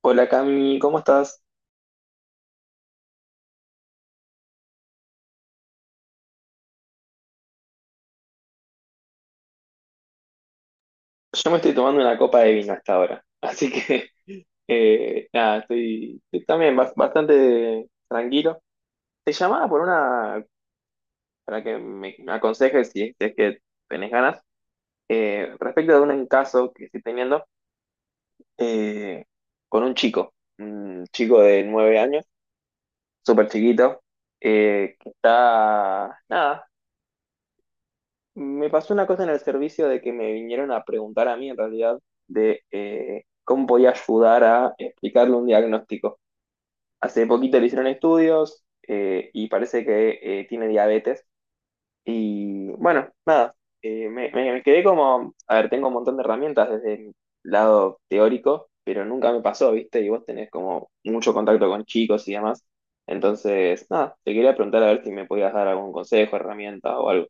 Hola Cami, ¿cómo estás? Yo me estoy tomando una copa de vino hasta ahora, así que nada, estoy, también bastante tranquilo. Te llamaba por una, para que me aconsejes si es que tenés ganas, respecto de un caso que estoy teniendo eh, con un chico de 9 años, súper chiquito, que está, nada, Me pasó una cosa en el servicio de que me vinieron a preguntar a mí, en realidad, de cómo podía ayudar a explicarle un diagnóstico. Hace poquito le hicieron estudios y parece que tiene diabetes. Y bueno, nada, me, me- me quedé como, a ver, tengo un montón de herramientas desde el lado teórico, pero nunca me pasó, ¿viste? Y vos tenés como mucho contacto con chicos y demás. Entonces, nada, te quería preguntar a ver si me podías dar algún consejo, herramienta o algo.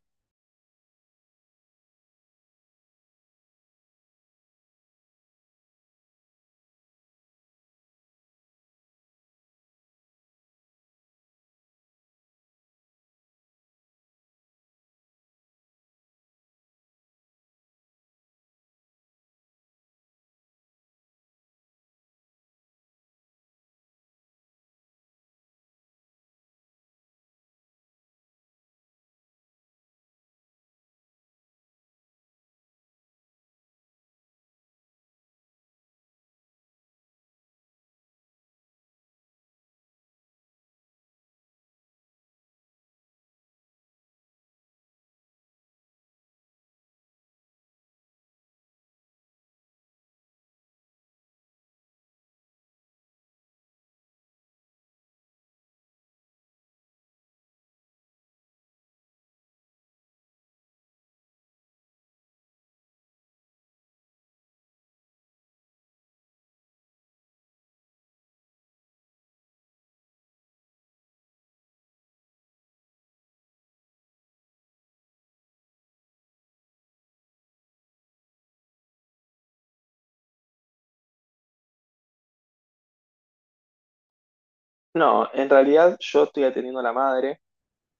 No, en realidad yo estoy atendiendo a la madre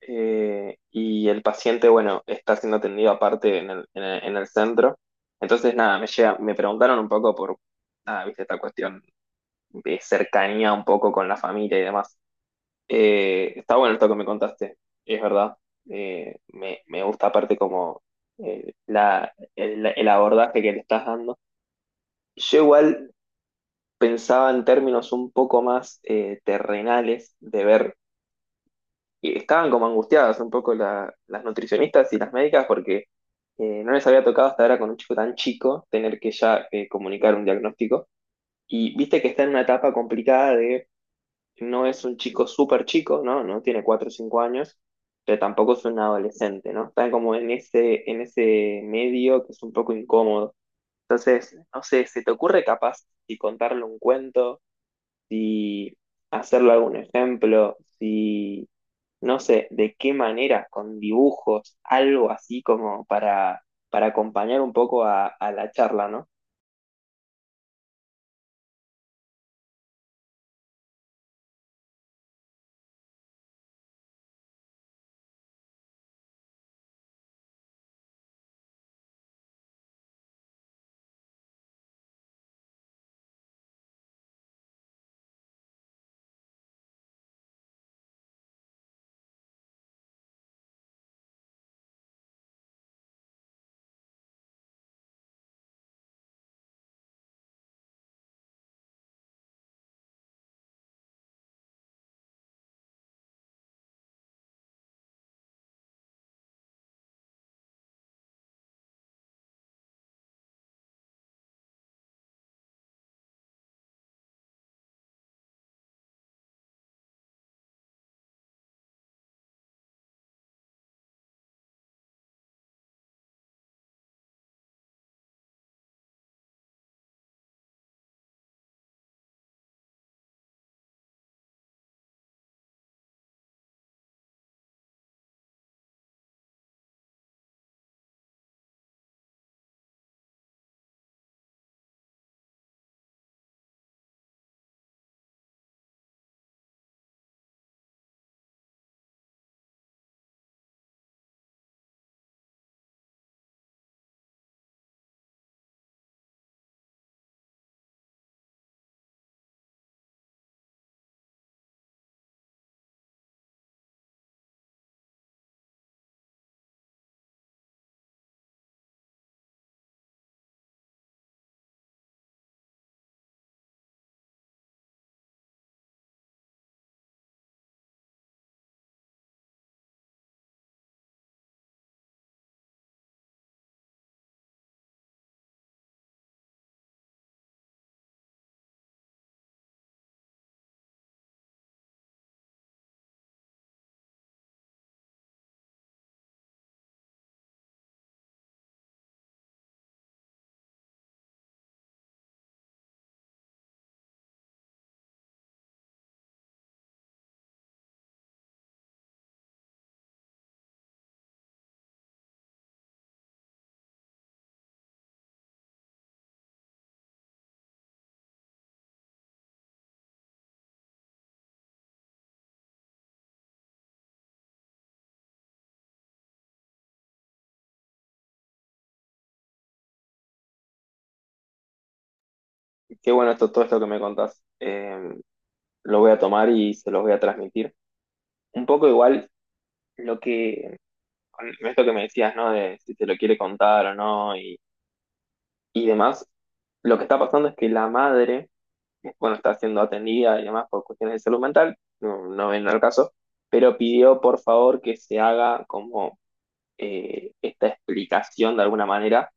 y el paciente, bueno, está siendo atendido aparte en el centro. Entonces, nada, me preguntaron un poco por, nada, viste, esta cuestión de cercanía un poco con la familia y demás. Está bueno esto que me contaste, es verdad. Me gusta aparte como el abordaje que le estás dando. Yo igual pensaba en términos un poco más terrenales de ver y estaban como angustiadas un poco las nutricionistas y las médicas porque no les había tocado hasta ahora con un chico tan chico tener que ya comunicar un diagnóstico. Y viste que está en una etapa complicada de no es un chico súper chico, ¿no? No tiene 4 o 5 años, pero tampoco es un adolescente, ¿no? Está como en ese medio que es un poco incómodo. Entonces, no sé, ¿se te ocurre capaz y contarle un cuento? Si hacerle algún ejemplo, si no sé de qué manera, con dibujos, algo así como para acompañar un poco a la charla, ¿no? Qué bueno esto, todo esto que me contás. Lo voy a tomar y se los voy a transmitir. Un poco igual lo que, con esto que me decías, ¿no? De si se lo quiere contar o no y, y demás. Lo que está pasando es que la madre bueno, está siendo atendida y demás por cuestiones de salud mental, no, no ven al caso, pero pidió por favor que se haga como esta explicación de alguna manera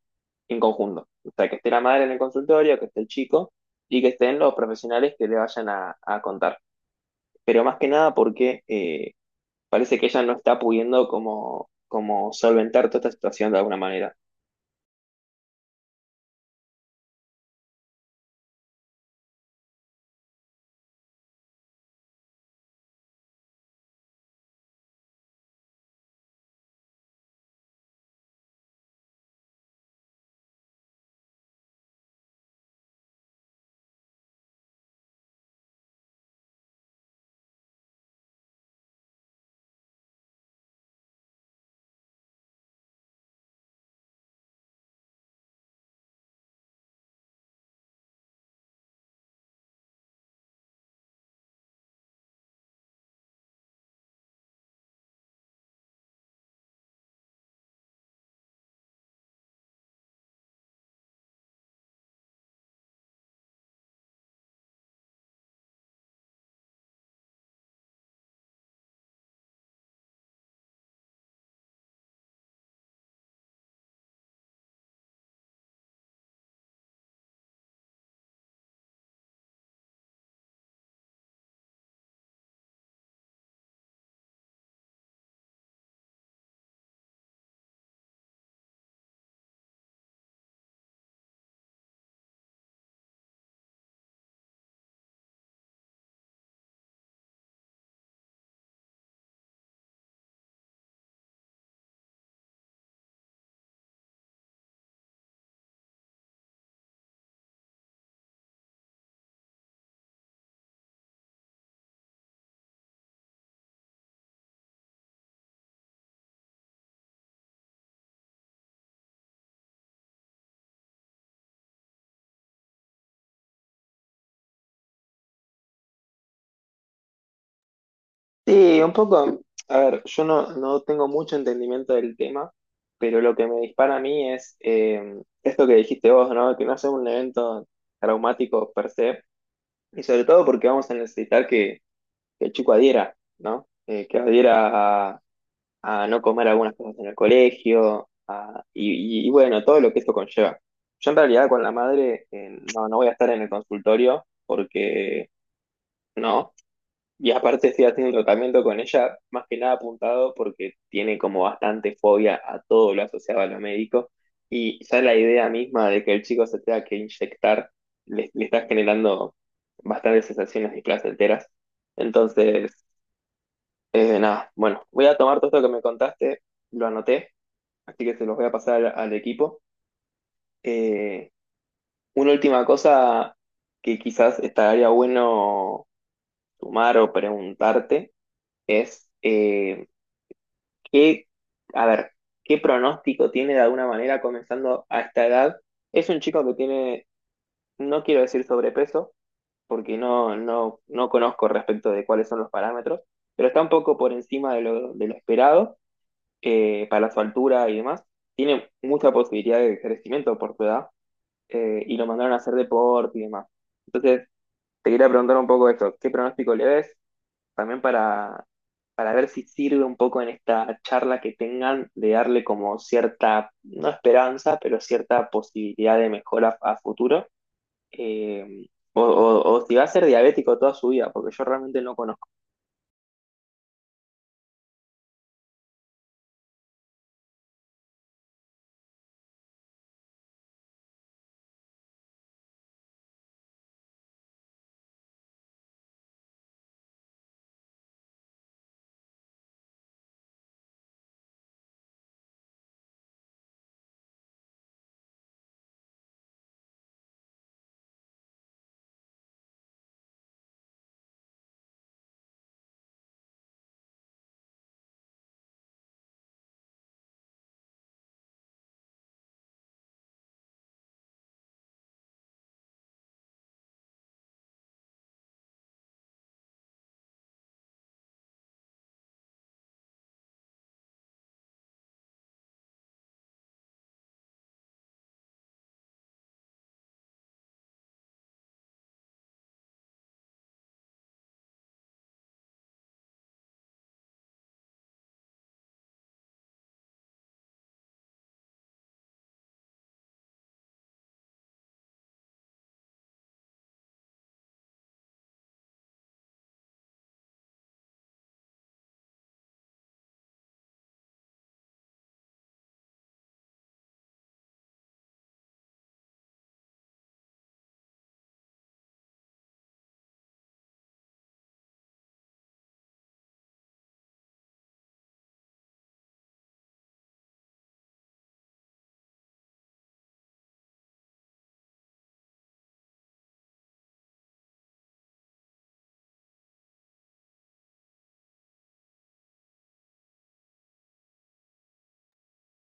en conjunto. O sea, que esté la madre en el consultorio, que esté el chico y que estén los profesionales que le vayan a contar. Pero más que nada porque parece que ella no está pudiendo como, como solventar toda esta situación de alguna manera. Sí, un poco, a ver, yo no, no tengo mucho entendimiento del tema, pero lo que me dispara a mí es esto que dijiste vos, ¿no? Que no sea un evento traumático per se, y sobre todo porque vamos a necesitar que el chico adhiera, ¿no? Que adhiera a, no comer algunas cosas en el colegio, y bueno, todo lo que esto conlleva. Yo en realidad con la madre no, no voy a estar en el consultorio porque no. Y aparte estoy haciendo un tratamiento con ella, más que nada apuntado porque tiene como bastante fobia a todo lo asociado a lo médico y ya la idea misma de que el chico se tenga que inyectar le está generando bastantes sensaciones displacenteras. Entonces, nada, bueno, voy a tomar todo esto que me contaste, lo anoté, así que se los voy a pasar al equipo. Eh, una última cosa que quizás estaría bueno sumar o preguntarte es... qué, a ver, qué pronóstico tiene de alguna manera comenzando a esta edad. Es un chico que tiene, no quiero decir sobrepeso, porque no conozco respecto de cuáles son los parámetros, pero está un poco por encima de lo esperado para su altura y demás. Tiene mucha posibilidad de crecimiento por su edad y lo mandaron a hacer deporte y demás. Entonces, te quería preguntar un poco esto, ¿qué pronóstico le ves? También para ver si sirve un poco en esta charla que tengan de darle como cierta, no esperanza, pero cierta posibilidad de mejora a futuro. eh, o o si va a ser diabético toda su vida, porque yo realmente no conozco.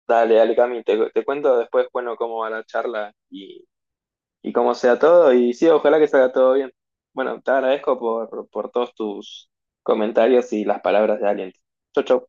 Dale, dale, Cami, te cuento después, bueno, cómo va la charla y cómo sea todo. Y sí, ojalá que salga todo bien. Bueno, te agradezco por todos tus comentarios y las palabras de aliento. Chau, chau.